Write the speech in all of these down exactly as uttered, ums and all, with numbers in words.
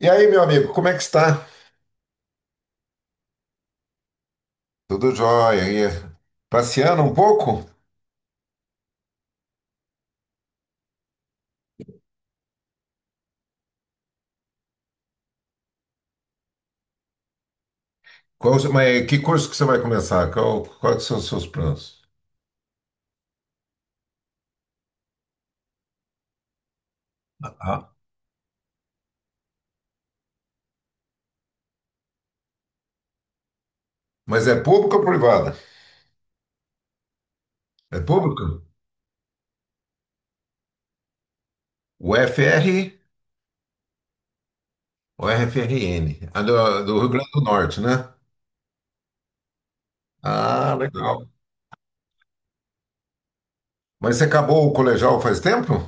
E aí, meu amigo, como é que está? Tudo jóia. E passeando um pouco? Qual, mas que curso que você vai começar? Qual, quais são os seus planos? Ah, mas é pública ou privada? É ah, pública? O F R ou R F R N? A do, do Rio Grande do Norte, né? Ah, legal. Legal. Mas você acabou o colegial faz tempo?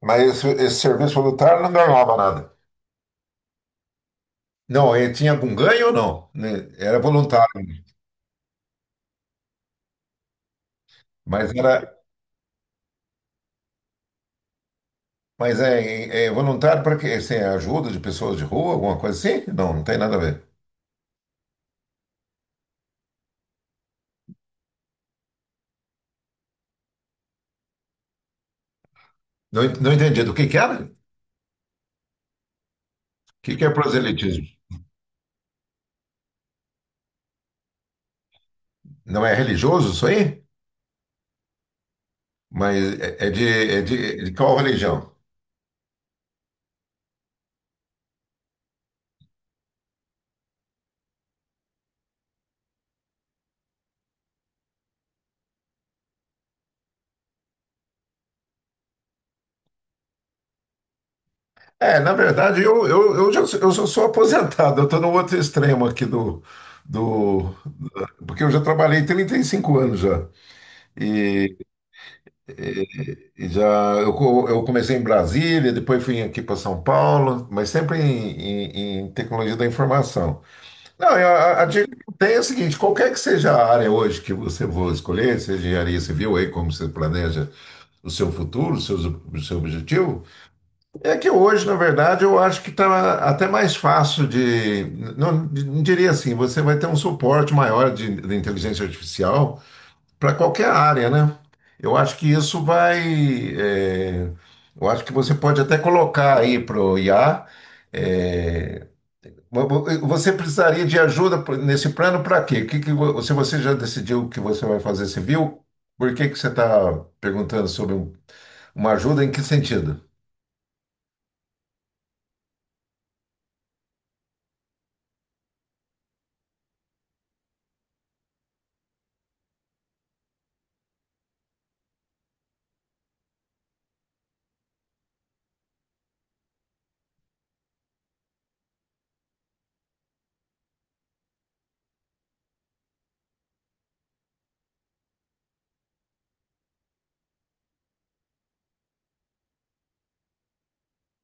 Mas esse, esse serviço voluntário não ganhava nada. Não, ele tinha algum ganho ou não? Né? Era voluntário, mas era. Mas é, é é voluntário para quê? Assim, é ajuda de pessoas de rua, alguma coisa assim? Não, não tem nada a ver. Não, en- não entendi. Do que que era? O que que é proselitismo? Não é religioso isso aí? Mas é, é de, é de, de qual religião? É, na verdade, eu, eu, eu, já, sou- eu só sou aposentado. Eu estou no outro extremo aqui do, do... da- Porque eu já trabalhei trinta e cinco anos já. E, e já eu, co- eu comecei em Brasília, depois fui aqui para São Paulo, mas sempre em, em em tecnologia da informação. Não, eu- a, a dica que eu tenho é a seguinte: qualquer que seja a área hoje que você for escolher, seja engenharia civil, aí como você planeja o seu futuro, o seu, o seu objetivo, é que hoje, na verdade, eu acho que está até mais fácil de. Não, não diria assim, você vai ter um suporte maior de, de inteligência artificial para qualquer área, né? Eu acho que isso vai. é, eu acho que você pode até colocar aí para o I A. Você precisaria de ajuda nesse plano para quê? que que vo- se você já decidiu o que você vai fazer civil, por que que você está perguntando sobre um- uma ajuda em que sentido?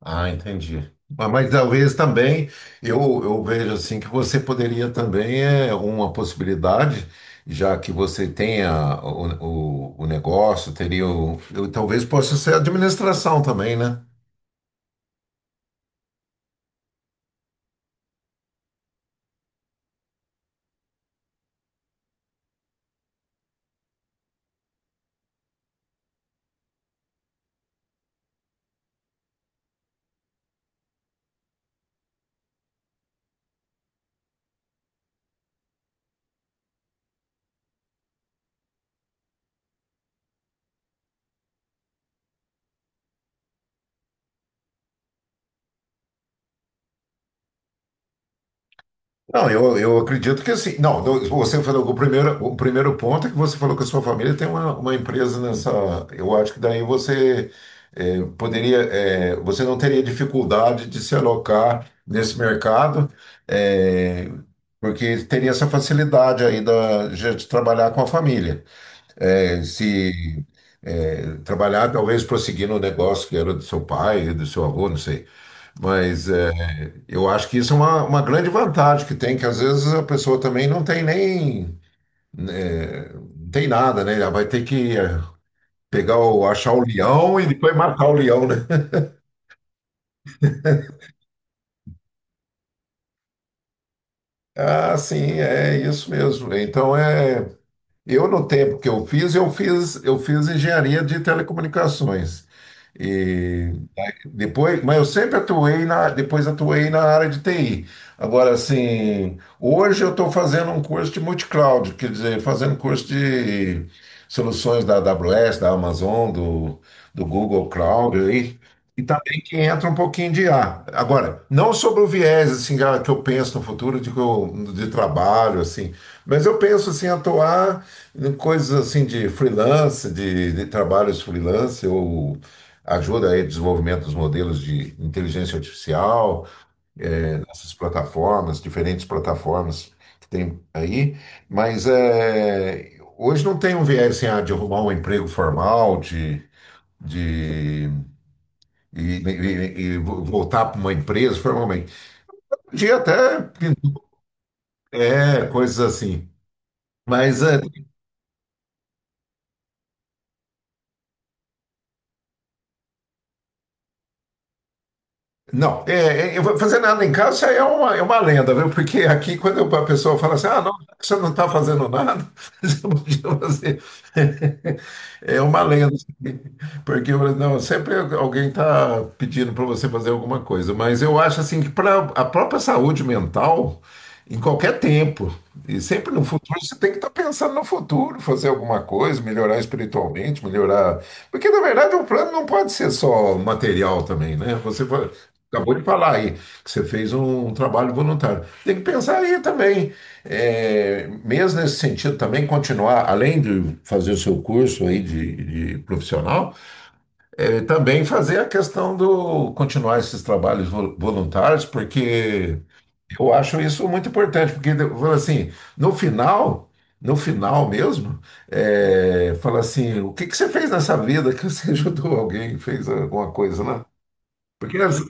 Ah, entendi. Mas, mas talvez também eu, eu vejo assim que você poderia também é uma possibilidade, já que você tenha o, o, o negócio, teria o, eu, talvez possa ser administração também, né? Não, eu, eu acredito que assim. Não, do- você falou que o primeiro, o primeiro ponto é que você falou que a sua família tem uma, uma empresa nessa. Eu acho que daí você eh, poderia. Eh, você não teria dificuldade de se alocar nesse mercado, eh, porque teria essa facilidade aí da, de de trabalhar com a família. Eh, se eh, trabalhar, talvez prosseguir no negócio que era do seu pai, do seu avô, não sei. Mas, é, eu acho que isso é uma, uma grande vantagem que tem, que às vezes a pessoa também não tem nem, né, não tem nada, né? Ela vai ter que eh, pegar o, achar o leão e depois matar o leão, né? Ah, sim, é isso mesmo. Então, é, eu no tempo que eu fiz, eu fiz, eu fiz engenharia de telecomunicações. E Depois, mas eu sempre atuei na, depois atuei na área de T I. Agora, assim, hoje eu estou fazendo um curso de multicloud, quer dizer, fazendo curso de soluções da A W S, da Amazon, do, do Google Cloud aí, e também que entra um pouquinho de I A. Agora, não sobre o viés assim ah, que eu penso no futuro de, que eu- de trabalho assim, mas eu penso assim atuar em coisas assim de freelance, de, de trabalhos freelance ou ajuda aí o desenvolvimento dos modelos de inteligência artificial, essas plataformas, diferentes plataformas que tem aí, mas é, hoje não tem um viés assim, ah, de arrumar um emprego formal, de, de e, e- e vo- voltar para uma empresa formalmente. Podia até pintar, é, coisas assim. Mas é. Não, é, é, eu vou fazer nada em casa é uma, é uma lenda, viu? Porque aqui, quando a pessoa fala assim, ah, não, já que você não está fazendo nada, você podia fazer. É uma lenda. Porque não, sempre alguém está pedindo para você fazer alguma coisa. Mas eu acho assim que para a própria saúde mental, em qualquer tempo, e sempre no futuro, você tem que estar pensando no futuro, fazer alguma coisa, melhorar espiritualmente, melhorar. Porque, na verdade, o plano não pode ser só material também, né? Você pode. Acabou de falar aí que você fez um um trabalho voluntário. Tem que pensar aí também, é, mesmo nesse sentido, também continuar, além de fazer o seu curso aí de, de profissional, é, também fazer a questão do continuar esses trabalhos vo- voluntários, porque eu acho isso muito importante, porque fala assim, no final, no final mesmo, é, fala assim, o que que você fez nessa vida que você ajudou alguém, fez alguma coisa, né? Porque às.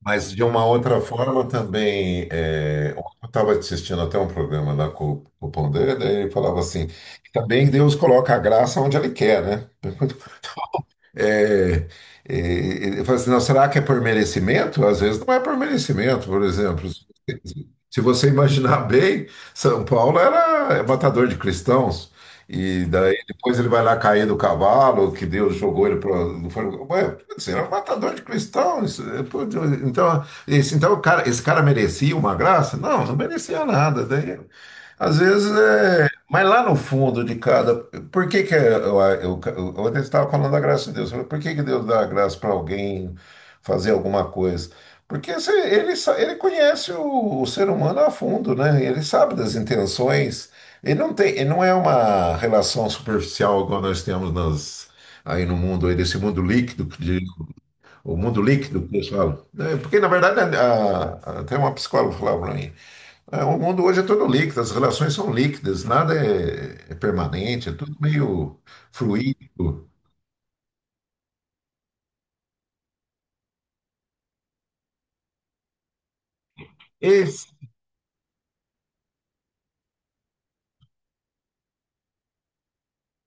Mas de uma outra forma também, é, eu estava assistindo até um programa lá com, com o Pondé, daí ele falava assim, que também Deus coloca a graça onde ele quer, né? É, é, ele fala assim, não, será que é por merecimento? Às vezes não é por merecimento, por exemplo. Se você imaginar bem, São Paulo era matador de cristãos. E daí depois ele vai lá cair do cavalo, que Deus jogou ele para. Ué, você era um matador de cristãos. Pô, Deus, Então, esse, então o cara, esse cara merecia uma graça? Não, não merecia nada. Daí, às vezes, é, mas lá no fundo de cada. Por que que eu, eu, eu, ontem estava falando da graça de Deus? Eu falei, por que que Deus dá a graça para alguém fazer alguma coisa? Porque se- ele, sa- ele conhece o, o ser humano a fundo, né? Ele sabe das intenções. Ele não tem, ele não é uma relação superficial igual nós temos nas, aí no mundo, aí desse mundo líquido, que de- o mundo líquido que eles falam. né? Porque, na verdade, a- a- até uma psicóloga falava para mim. É, o mundo hoje é todo líquido, as relações são líquidas, nada é, é permanente, é tudo meio fluido. Es-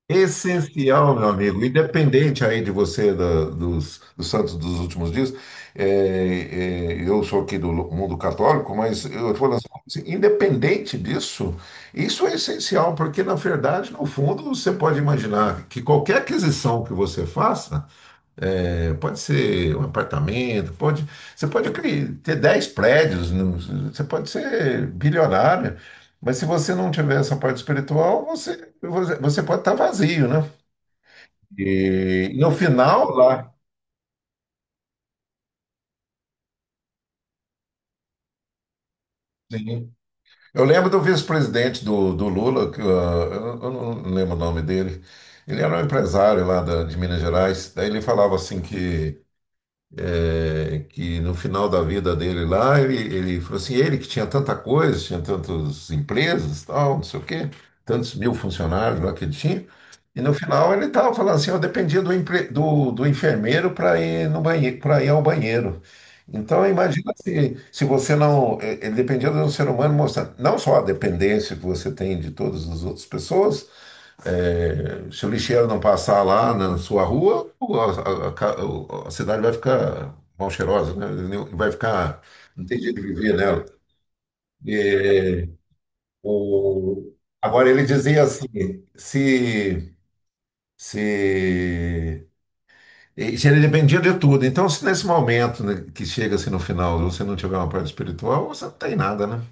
essencial, meu amigo, independente aí de você, da- dos, dos santos dos últimos dias, é, é, eu sou aqui do mundo católico, mas eu tô falando assim, independente disso, isso é essencial, porque na verdade, no fundo, você pode imaginar que qualquer aquisição que você faça, é, pode ser um apartamento, pode, você pode cri- ter dez prédios, no- você pode ser bilionário, mas se você não tiver essa parte espiritual, você, você, você pode estar vazio, né? E no final lá, sim. Eu lembro do vice-presidente do, do Lula, que, ah, eu, eu não lembro o nome dele, ele era um empresário lá da- de Minas Gerais, daí ele falava assim que é, que no final da vida dele lá, ele, ele falou assim, ele que tinha tanta coisa, tinha tantas empresas, tal, não sei o quê, tantos mil funcionários lá que ele tinha, e no final ele estava falando assim, eu dependia do, empre- do, do enfermeiro para ir no banheiro, para ir ao banheiro. Então, imagina se, se você não. eh, Ele dependia de um ser humano mostrando não só a dependência que você tem de todas as outras pessoas, é, se o lixeiro não passar lá na sua rua, o- a, a ca- o- a cidade vai ficar mal cheirosa, né? Nem- Vai ficar, não tem jeito de viver nela. E, o, agora ele dizia assim, se, se, e se ele dependia de tudo. Então, se nesse momento, né, que chega assim no final, você não tiver uma parte espiritual, você não tem nada, né?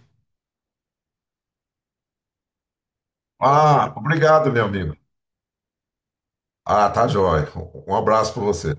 Ah, obrigado, meu amigo. Ah, tá jóia. Um abraço para você.